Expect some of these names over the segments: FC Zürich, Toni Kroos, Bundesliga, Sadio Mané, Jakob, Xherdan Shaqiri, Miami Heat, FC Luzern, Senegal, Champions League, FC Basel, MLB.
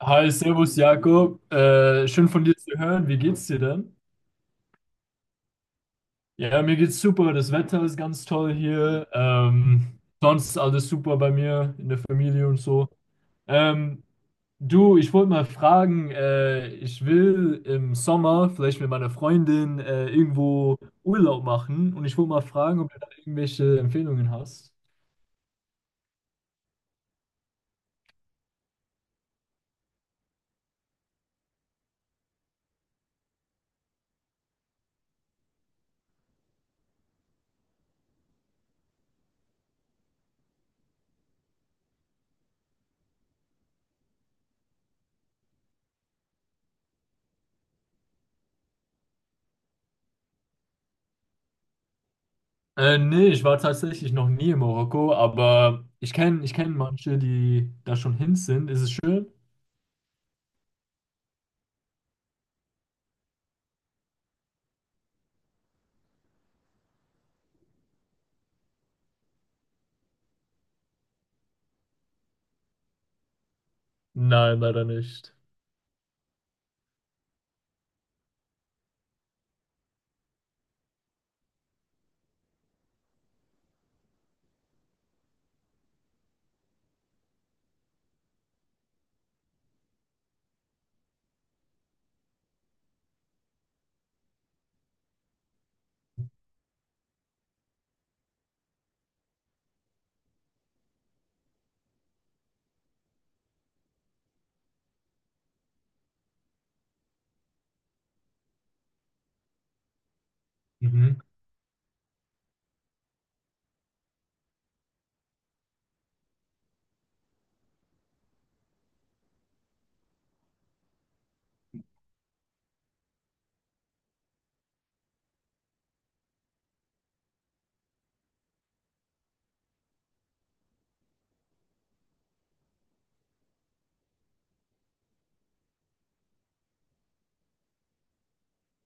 Hi, Servus Jakob. Schön von dir zu hören. Wie geht's dir denn? Ja, mir geht's super. Das Wetter ist ganz toll hier. Sonst alles super bei mir in der Familie und so. Ähm, Du, ich wollte mal fragen, ich will im Sommer vielleicht mit meiner Freundin irgendwo Urlaub machen und ich wollte mal fragen, ob du da irgendwelche Empfehlungen hast. Nee, ich war tatsächlich noch nie in Marokko, aber ich kenn manche, die da schon hin sind. Ist es schön? Nein, leider nicht. Mhm.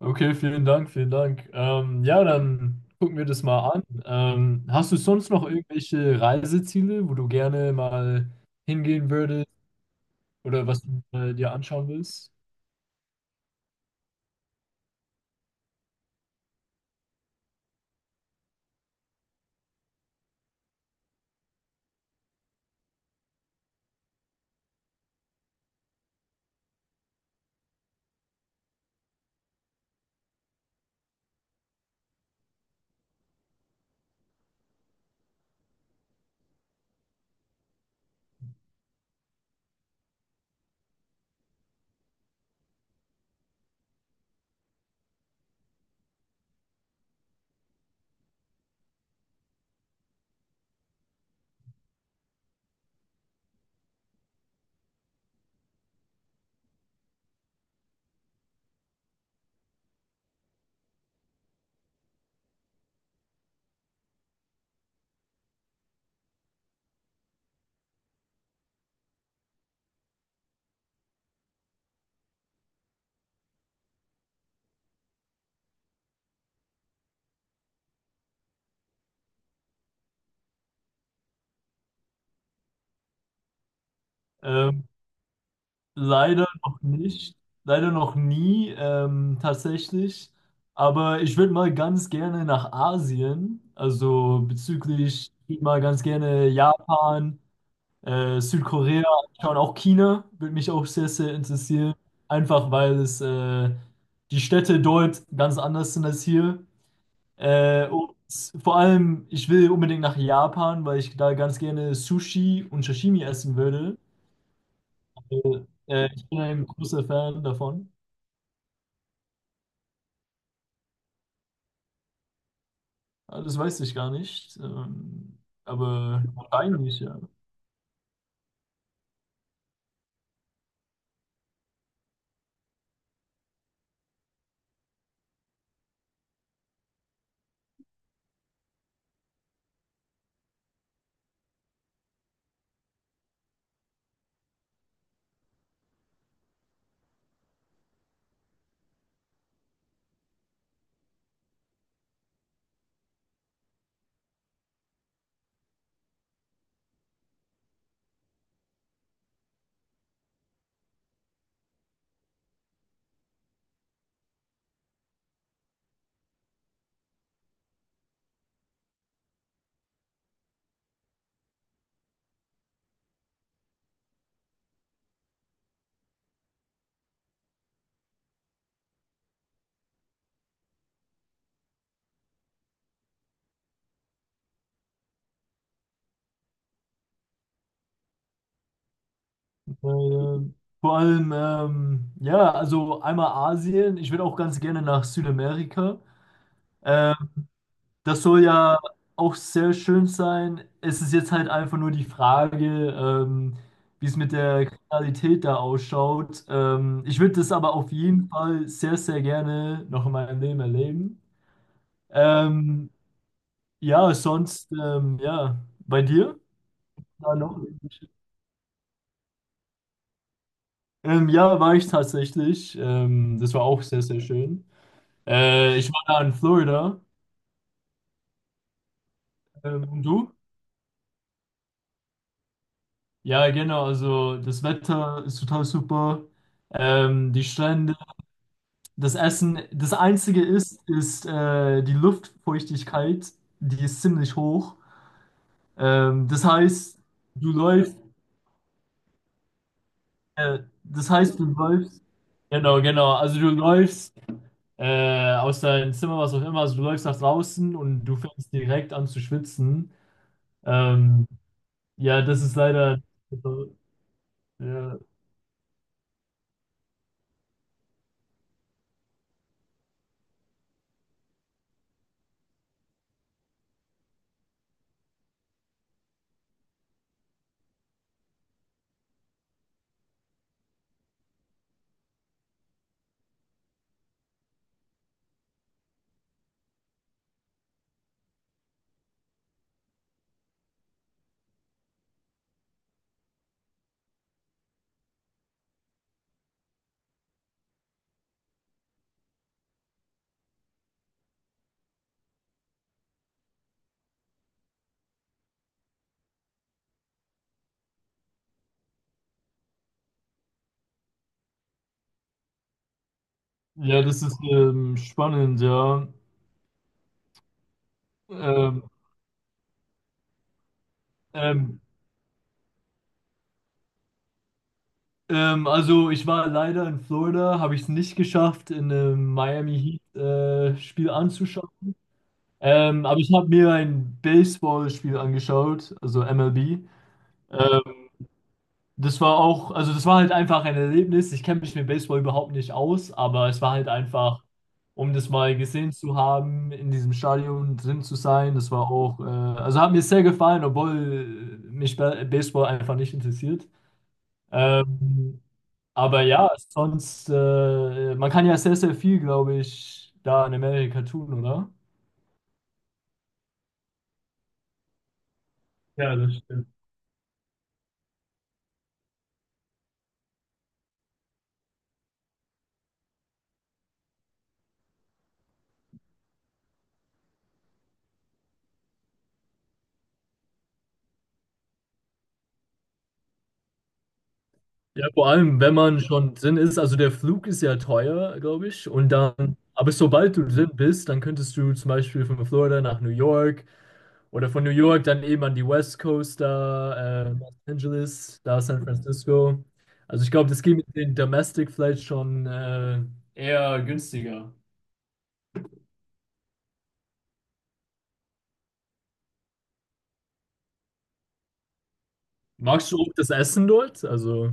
Okay, vielen Dank, vielen Dank. Ja, dann gucken wir das mal an. Hast du sonst noch irgendwelche Reiseziele, wo du gerne mal hingehen würdest oder was du dir anschauen willst? Ähm, Leider noch nicht. Leider noch nie, tatsächlich. Aber ich würde mal ganz gerne nach Asien. Also bezüglich, ich würd mal ganz gerne Japan. Südkorea, schauen auch China, würde mich auch sehr, sehr interessieren. Einfach weil es die Städte dort ganz anders sind als hier. Und vor allem, ich will unbedingt nach Japan, weil ich da ganz gerne Sushi und Sashimi essen würde. Äh, Ich bin ein großer Fan davon. Ah, das weiß ich gar nicht. Aber eigentlich, ja. Äh, Vor allem, ja, also einmal Asien. Ich würde auch ganz gerne nach Südamerika. Äh, Das soll ja auch sehr schön sein. Es ist jetzt halt einfach nur die Frage, wie es mit der Kriminalität da ausschaut. Ich würde das aber auf jeden Fall sehr, sehr gerne noch in meinem Leben erleben. Ähm, ja, sonst, ja, bei dir? Ja, noch. Irgendwelche- ja, war ich tatsächlich. Das war auch sehr, sehr schön. Ich war da in Florida. Und du? Ja, genau, also das Wetter ist total super. Die Strände, das Essen. Das Einzige ist die Luftfeuchtigkeit, die ist ziemlich hoch. Das heißt, du läufst, äh, du läufst, genau, genau, also du läufst aus deinem Zimmer, was auch immer, also du läufst nach draußen und du fängst direkt an zu schwitzen. Ähm, ja, das ist leider, ja, ja, das ist spannend, ja. Ähm, Ähm, also ich war leider in Florida, habe ich es nicht geschafft, in einem Miami Heat Spiel anzuschauen. Aber ich habe mir ein Baseballspiel angeschaut, also MLB. Ähm, Das war auch, also das war halt einfach ein Erlebnis. Ich kenne mich mit Baseball überhaupt nicht aus, aber es war halt einfach, um das mal gesehen zu haben, in diesem Stadion drin zu sein. Das war auch, also hat mir sehr gefallen, obwohl mich Baseball einfach nicht interessiert. Ähm, aber ja, sonst, man kann ja sehr, sehr viel, glaube ich, da in Amerika tun, oder? Ja, das stimmt. Ja, vor allem, wenn man schon drin ist, also der Flug ist ja teuer, glaube ich, und dann, aber sobald du drin bist, dann könntest du zum Beispiel von Florida nach New York oder von New York dann eben an die West Coast da, Los Angeles, da San Francisco. Also ich glaube, das geht mit den Domestic vielleicht schon eher günstiger. Magst du auch das Essen dort? Also,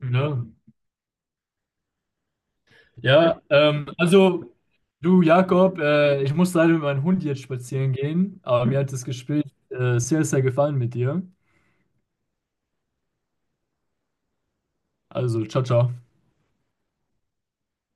ja, ja, also, du Jakob, ich muss leider mit meinem Hund jetzt spazieren gehen, aber mir hat das Gespräch sehr, sehr gefallen mit dir. Also, ciao, ciao.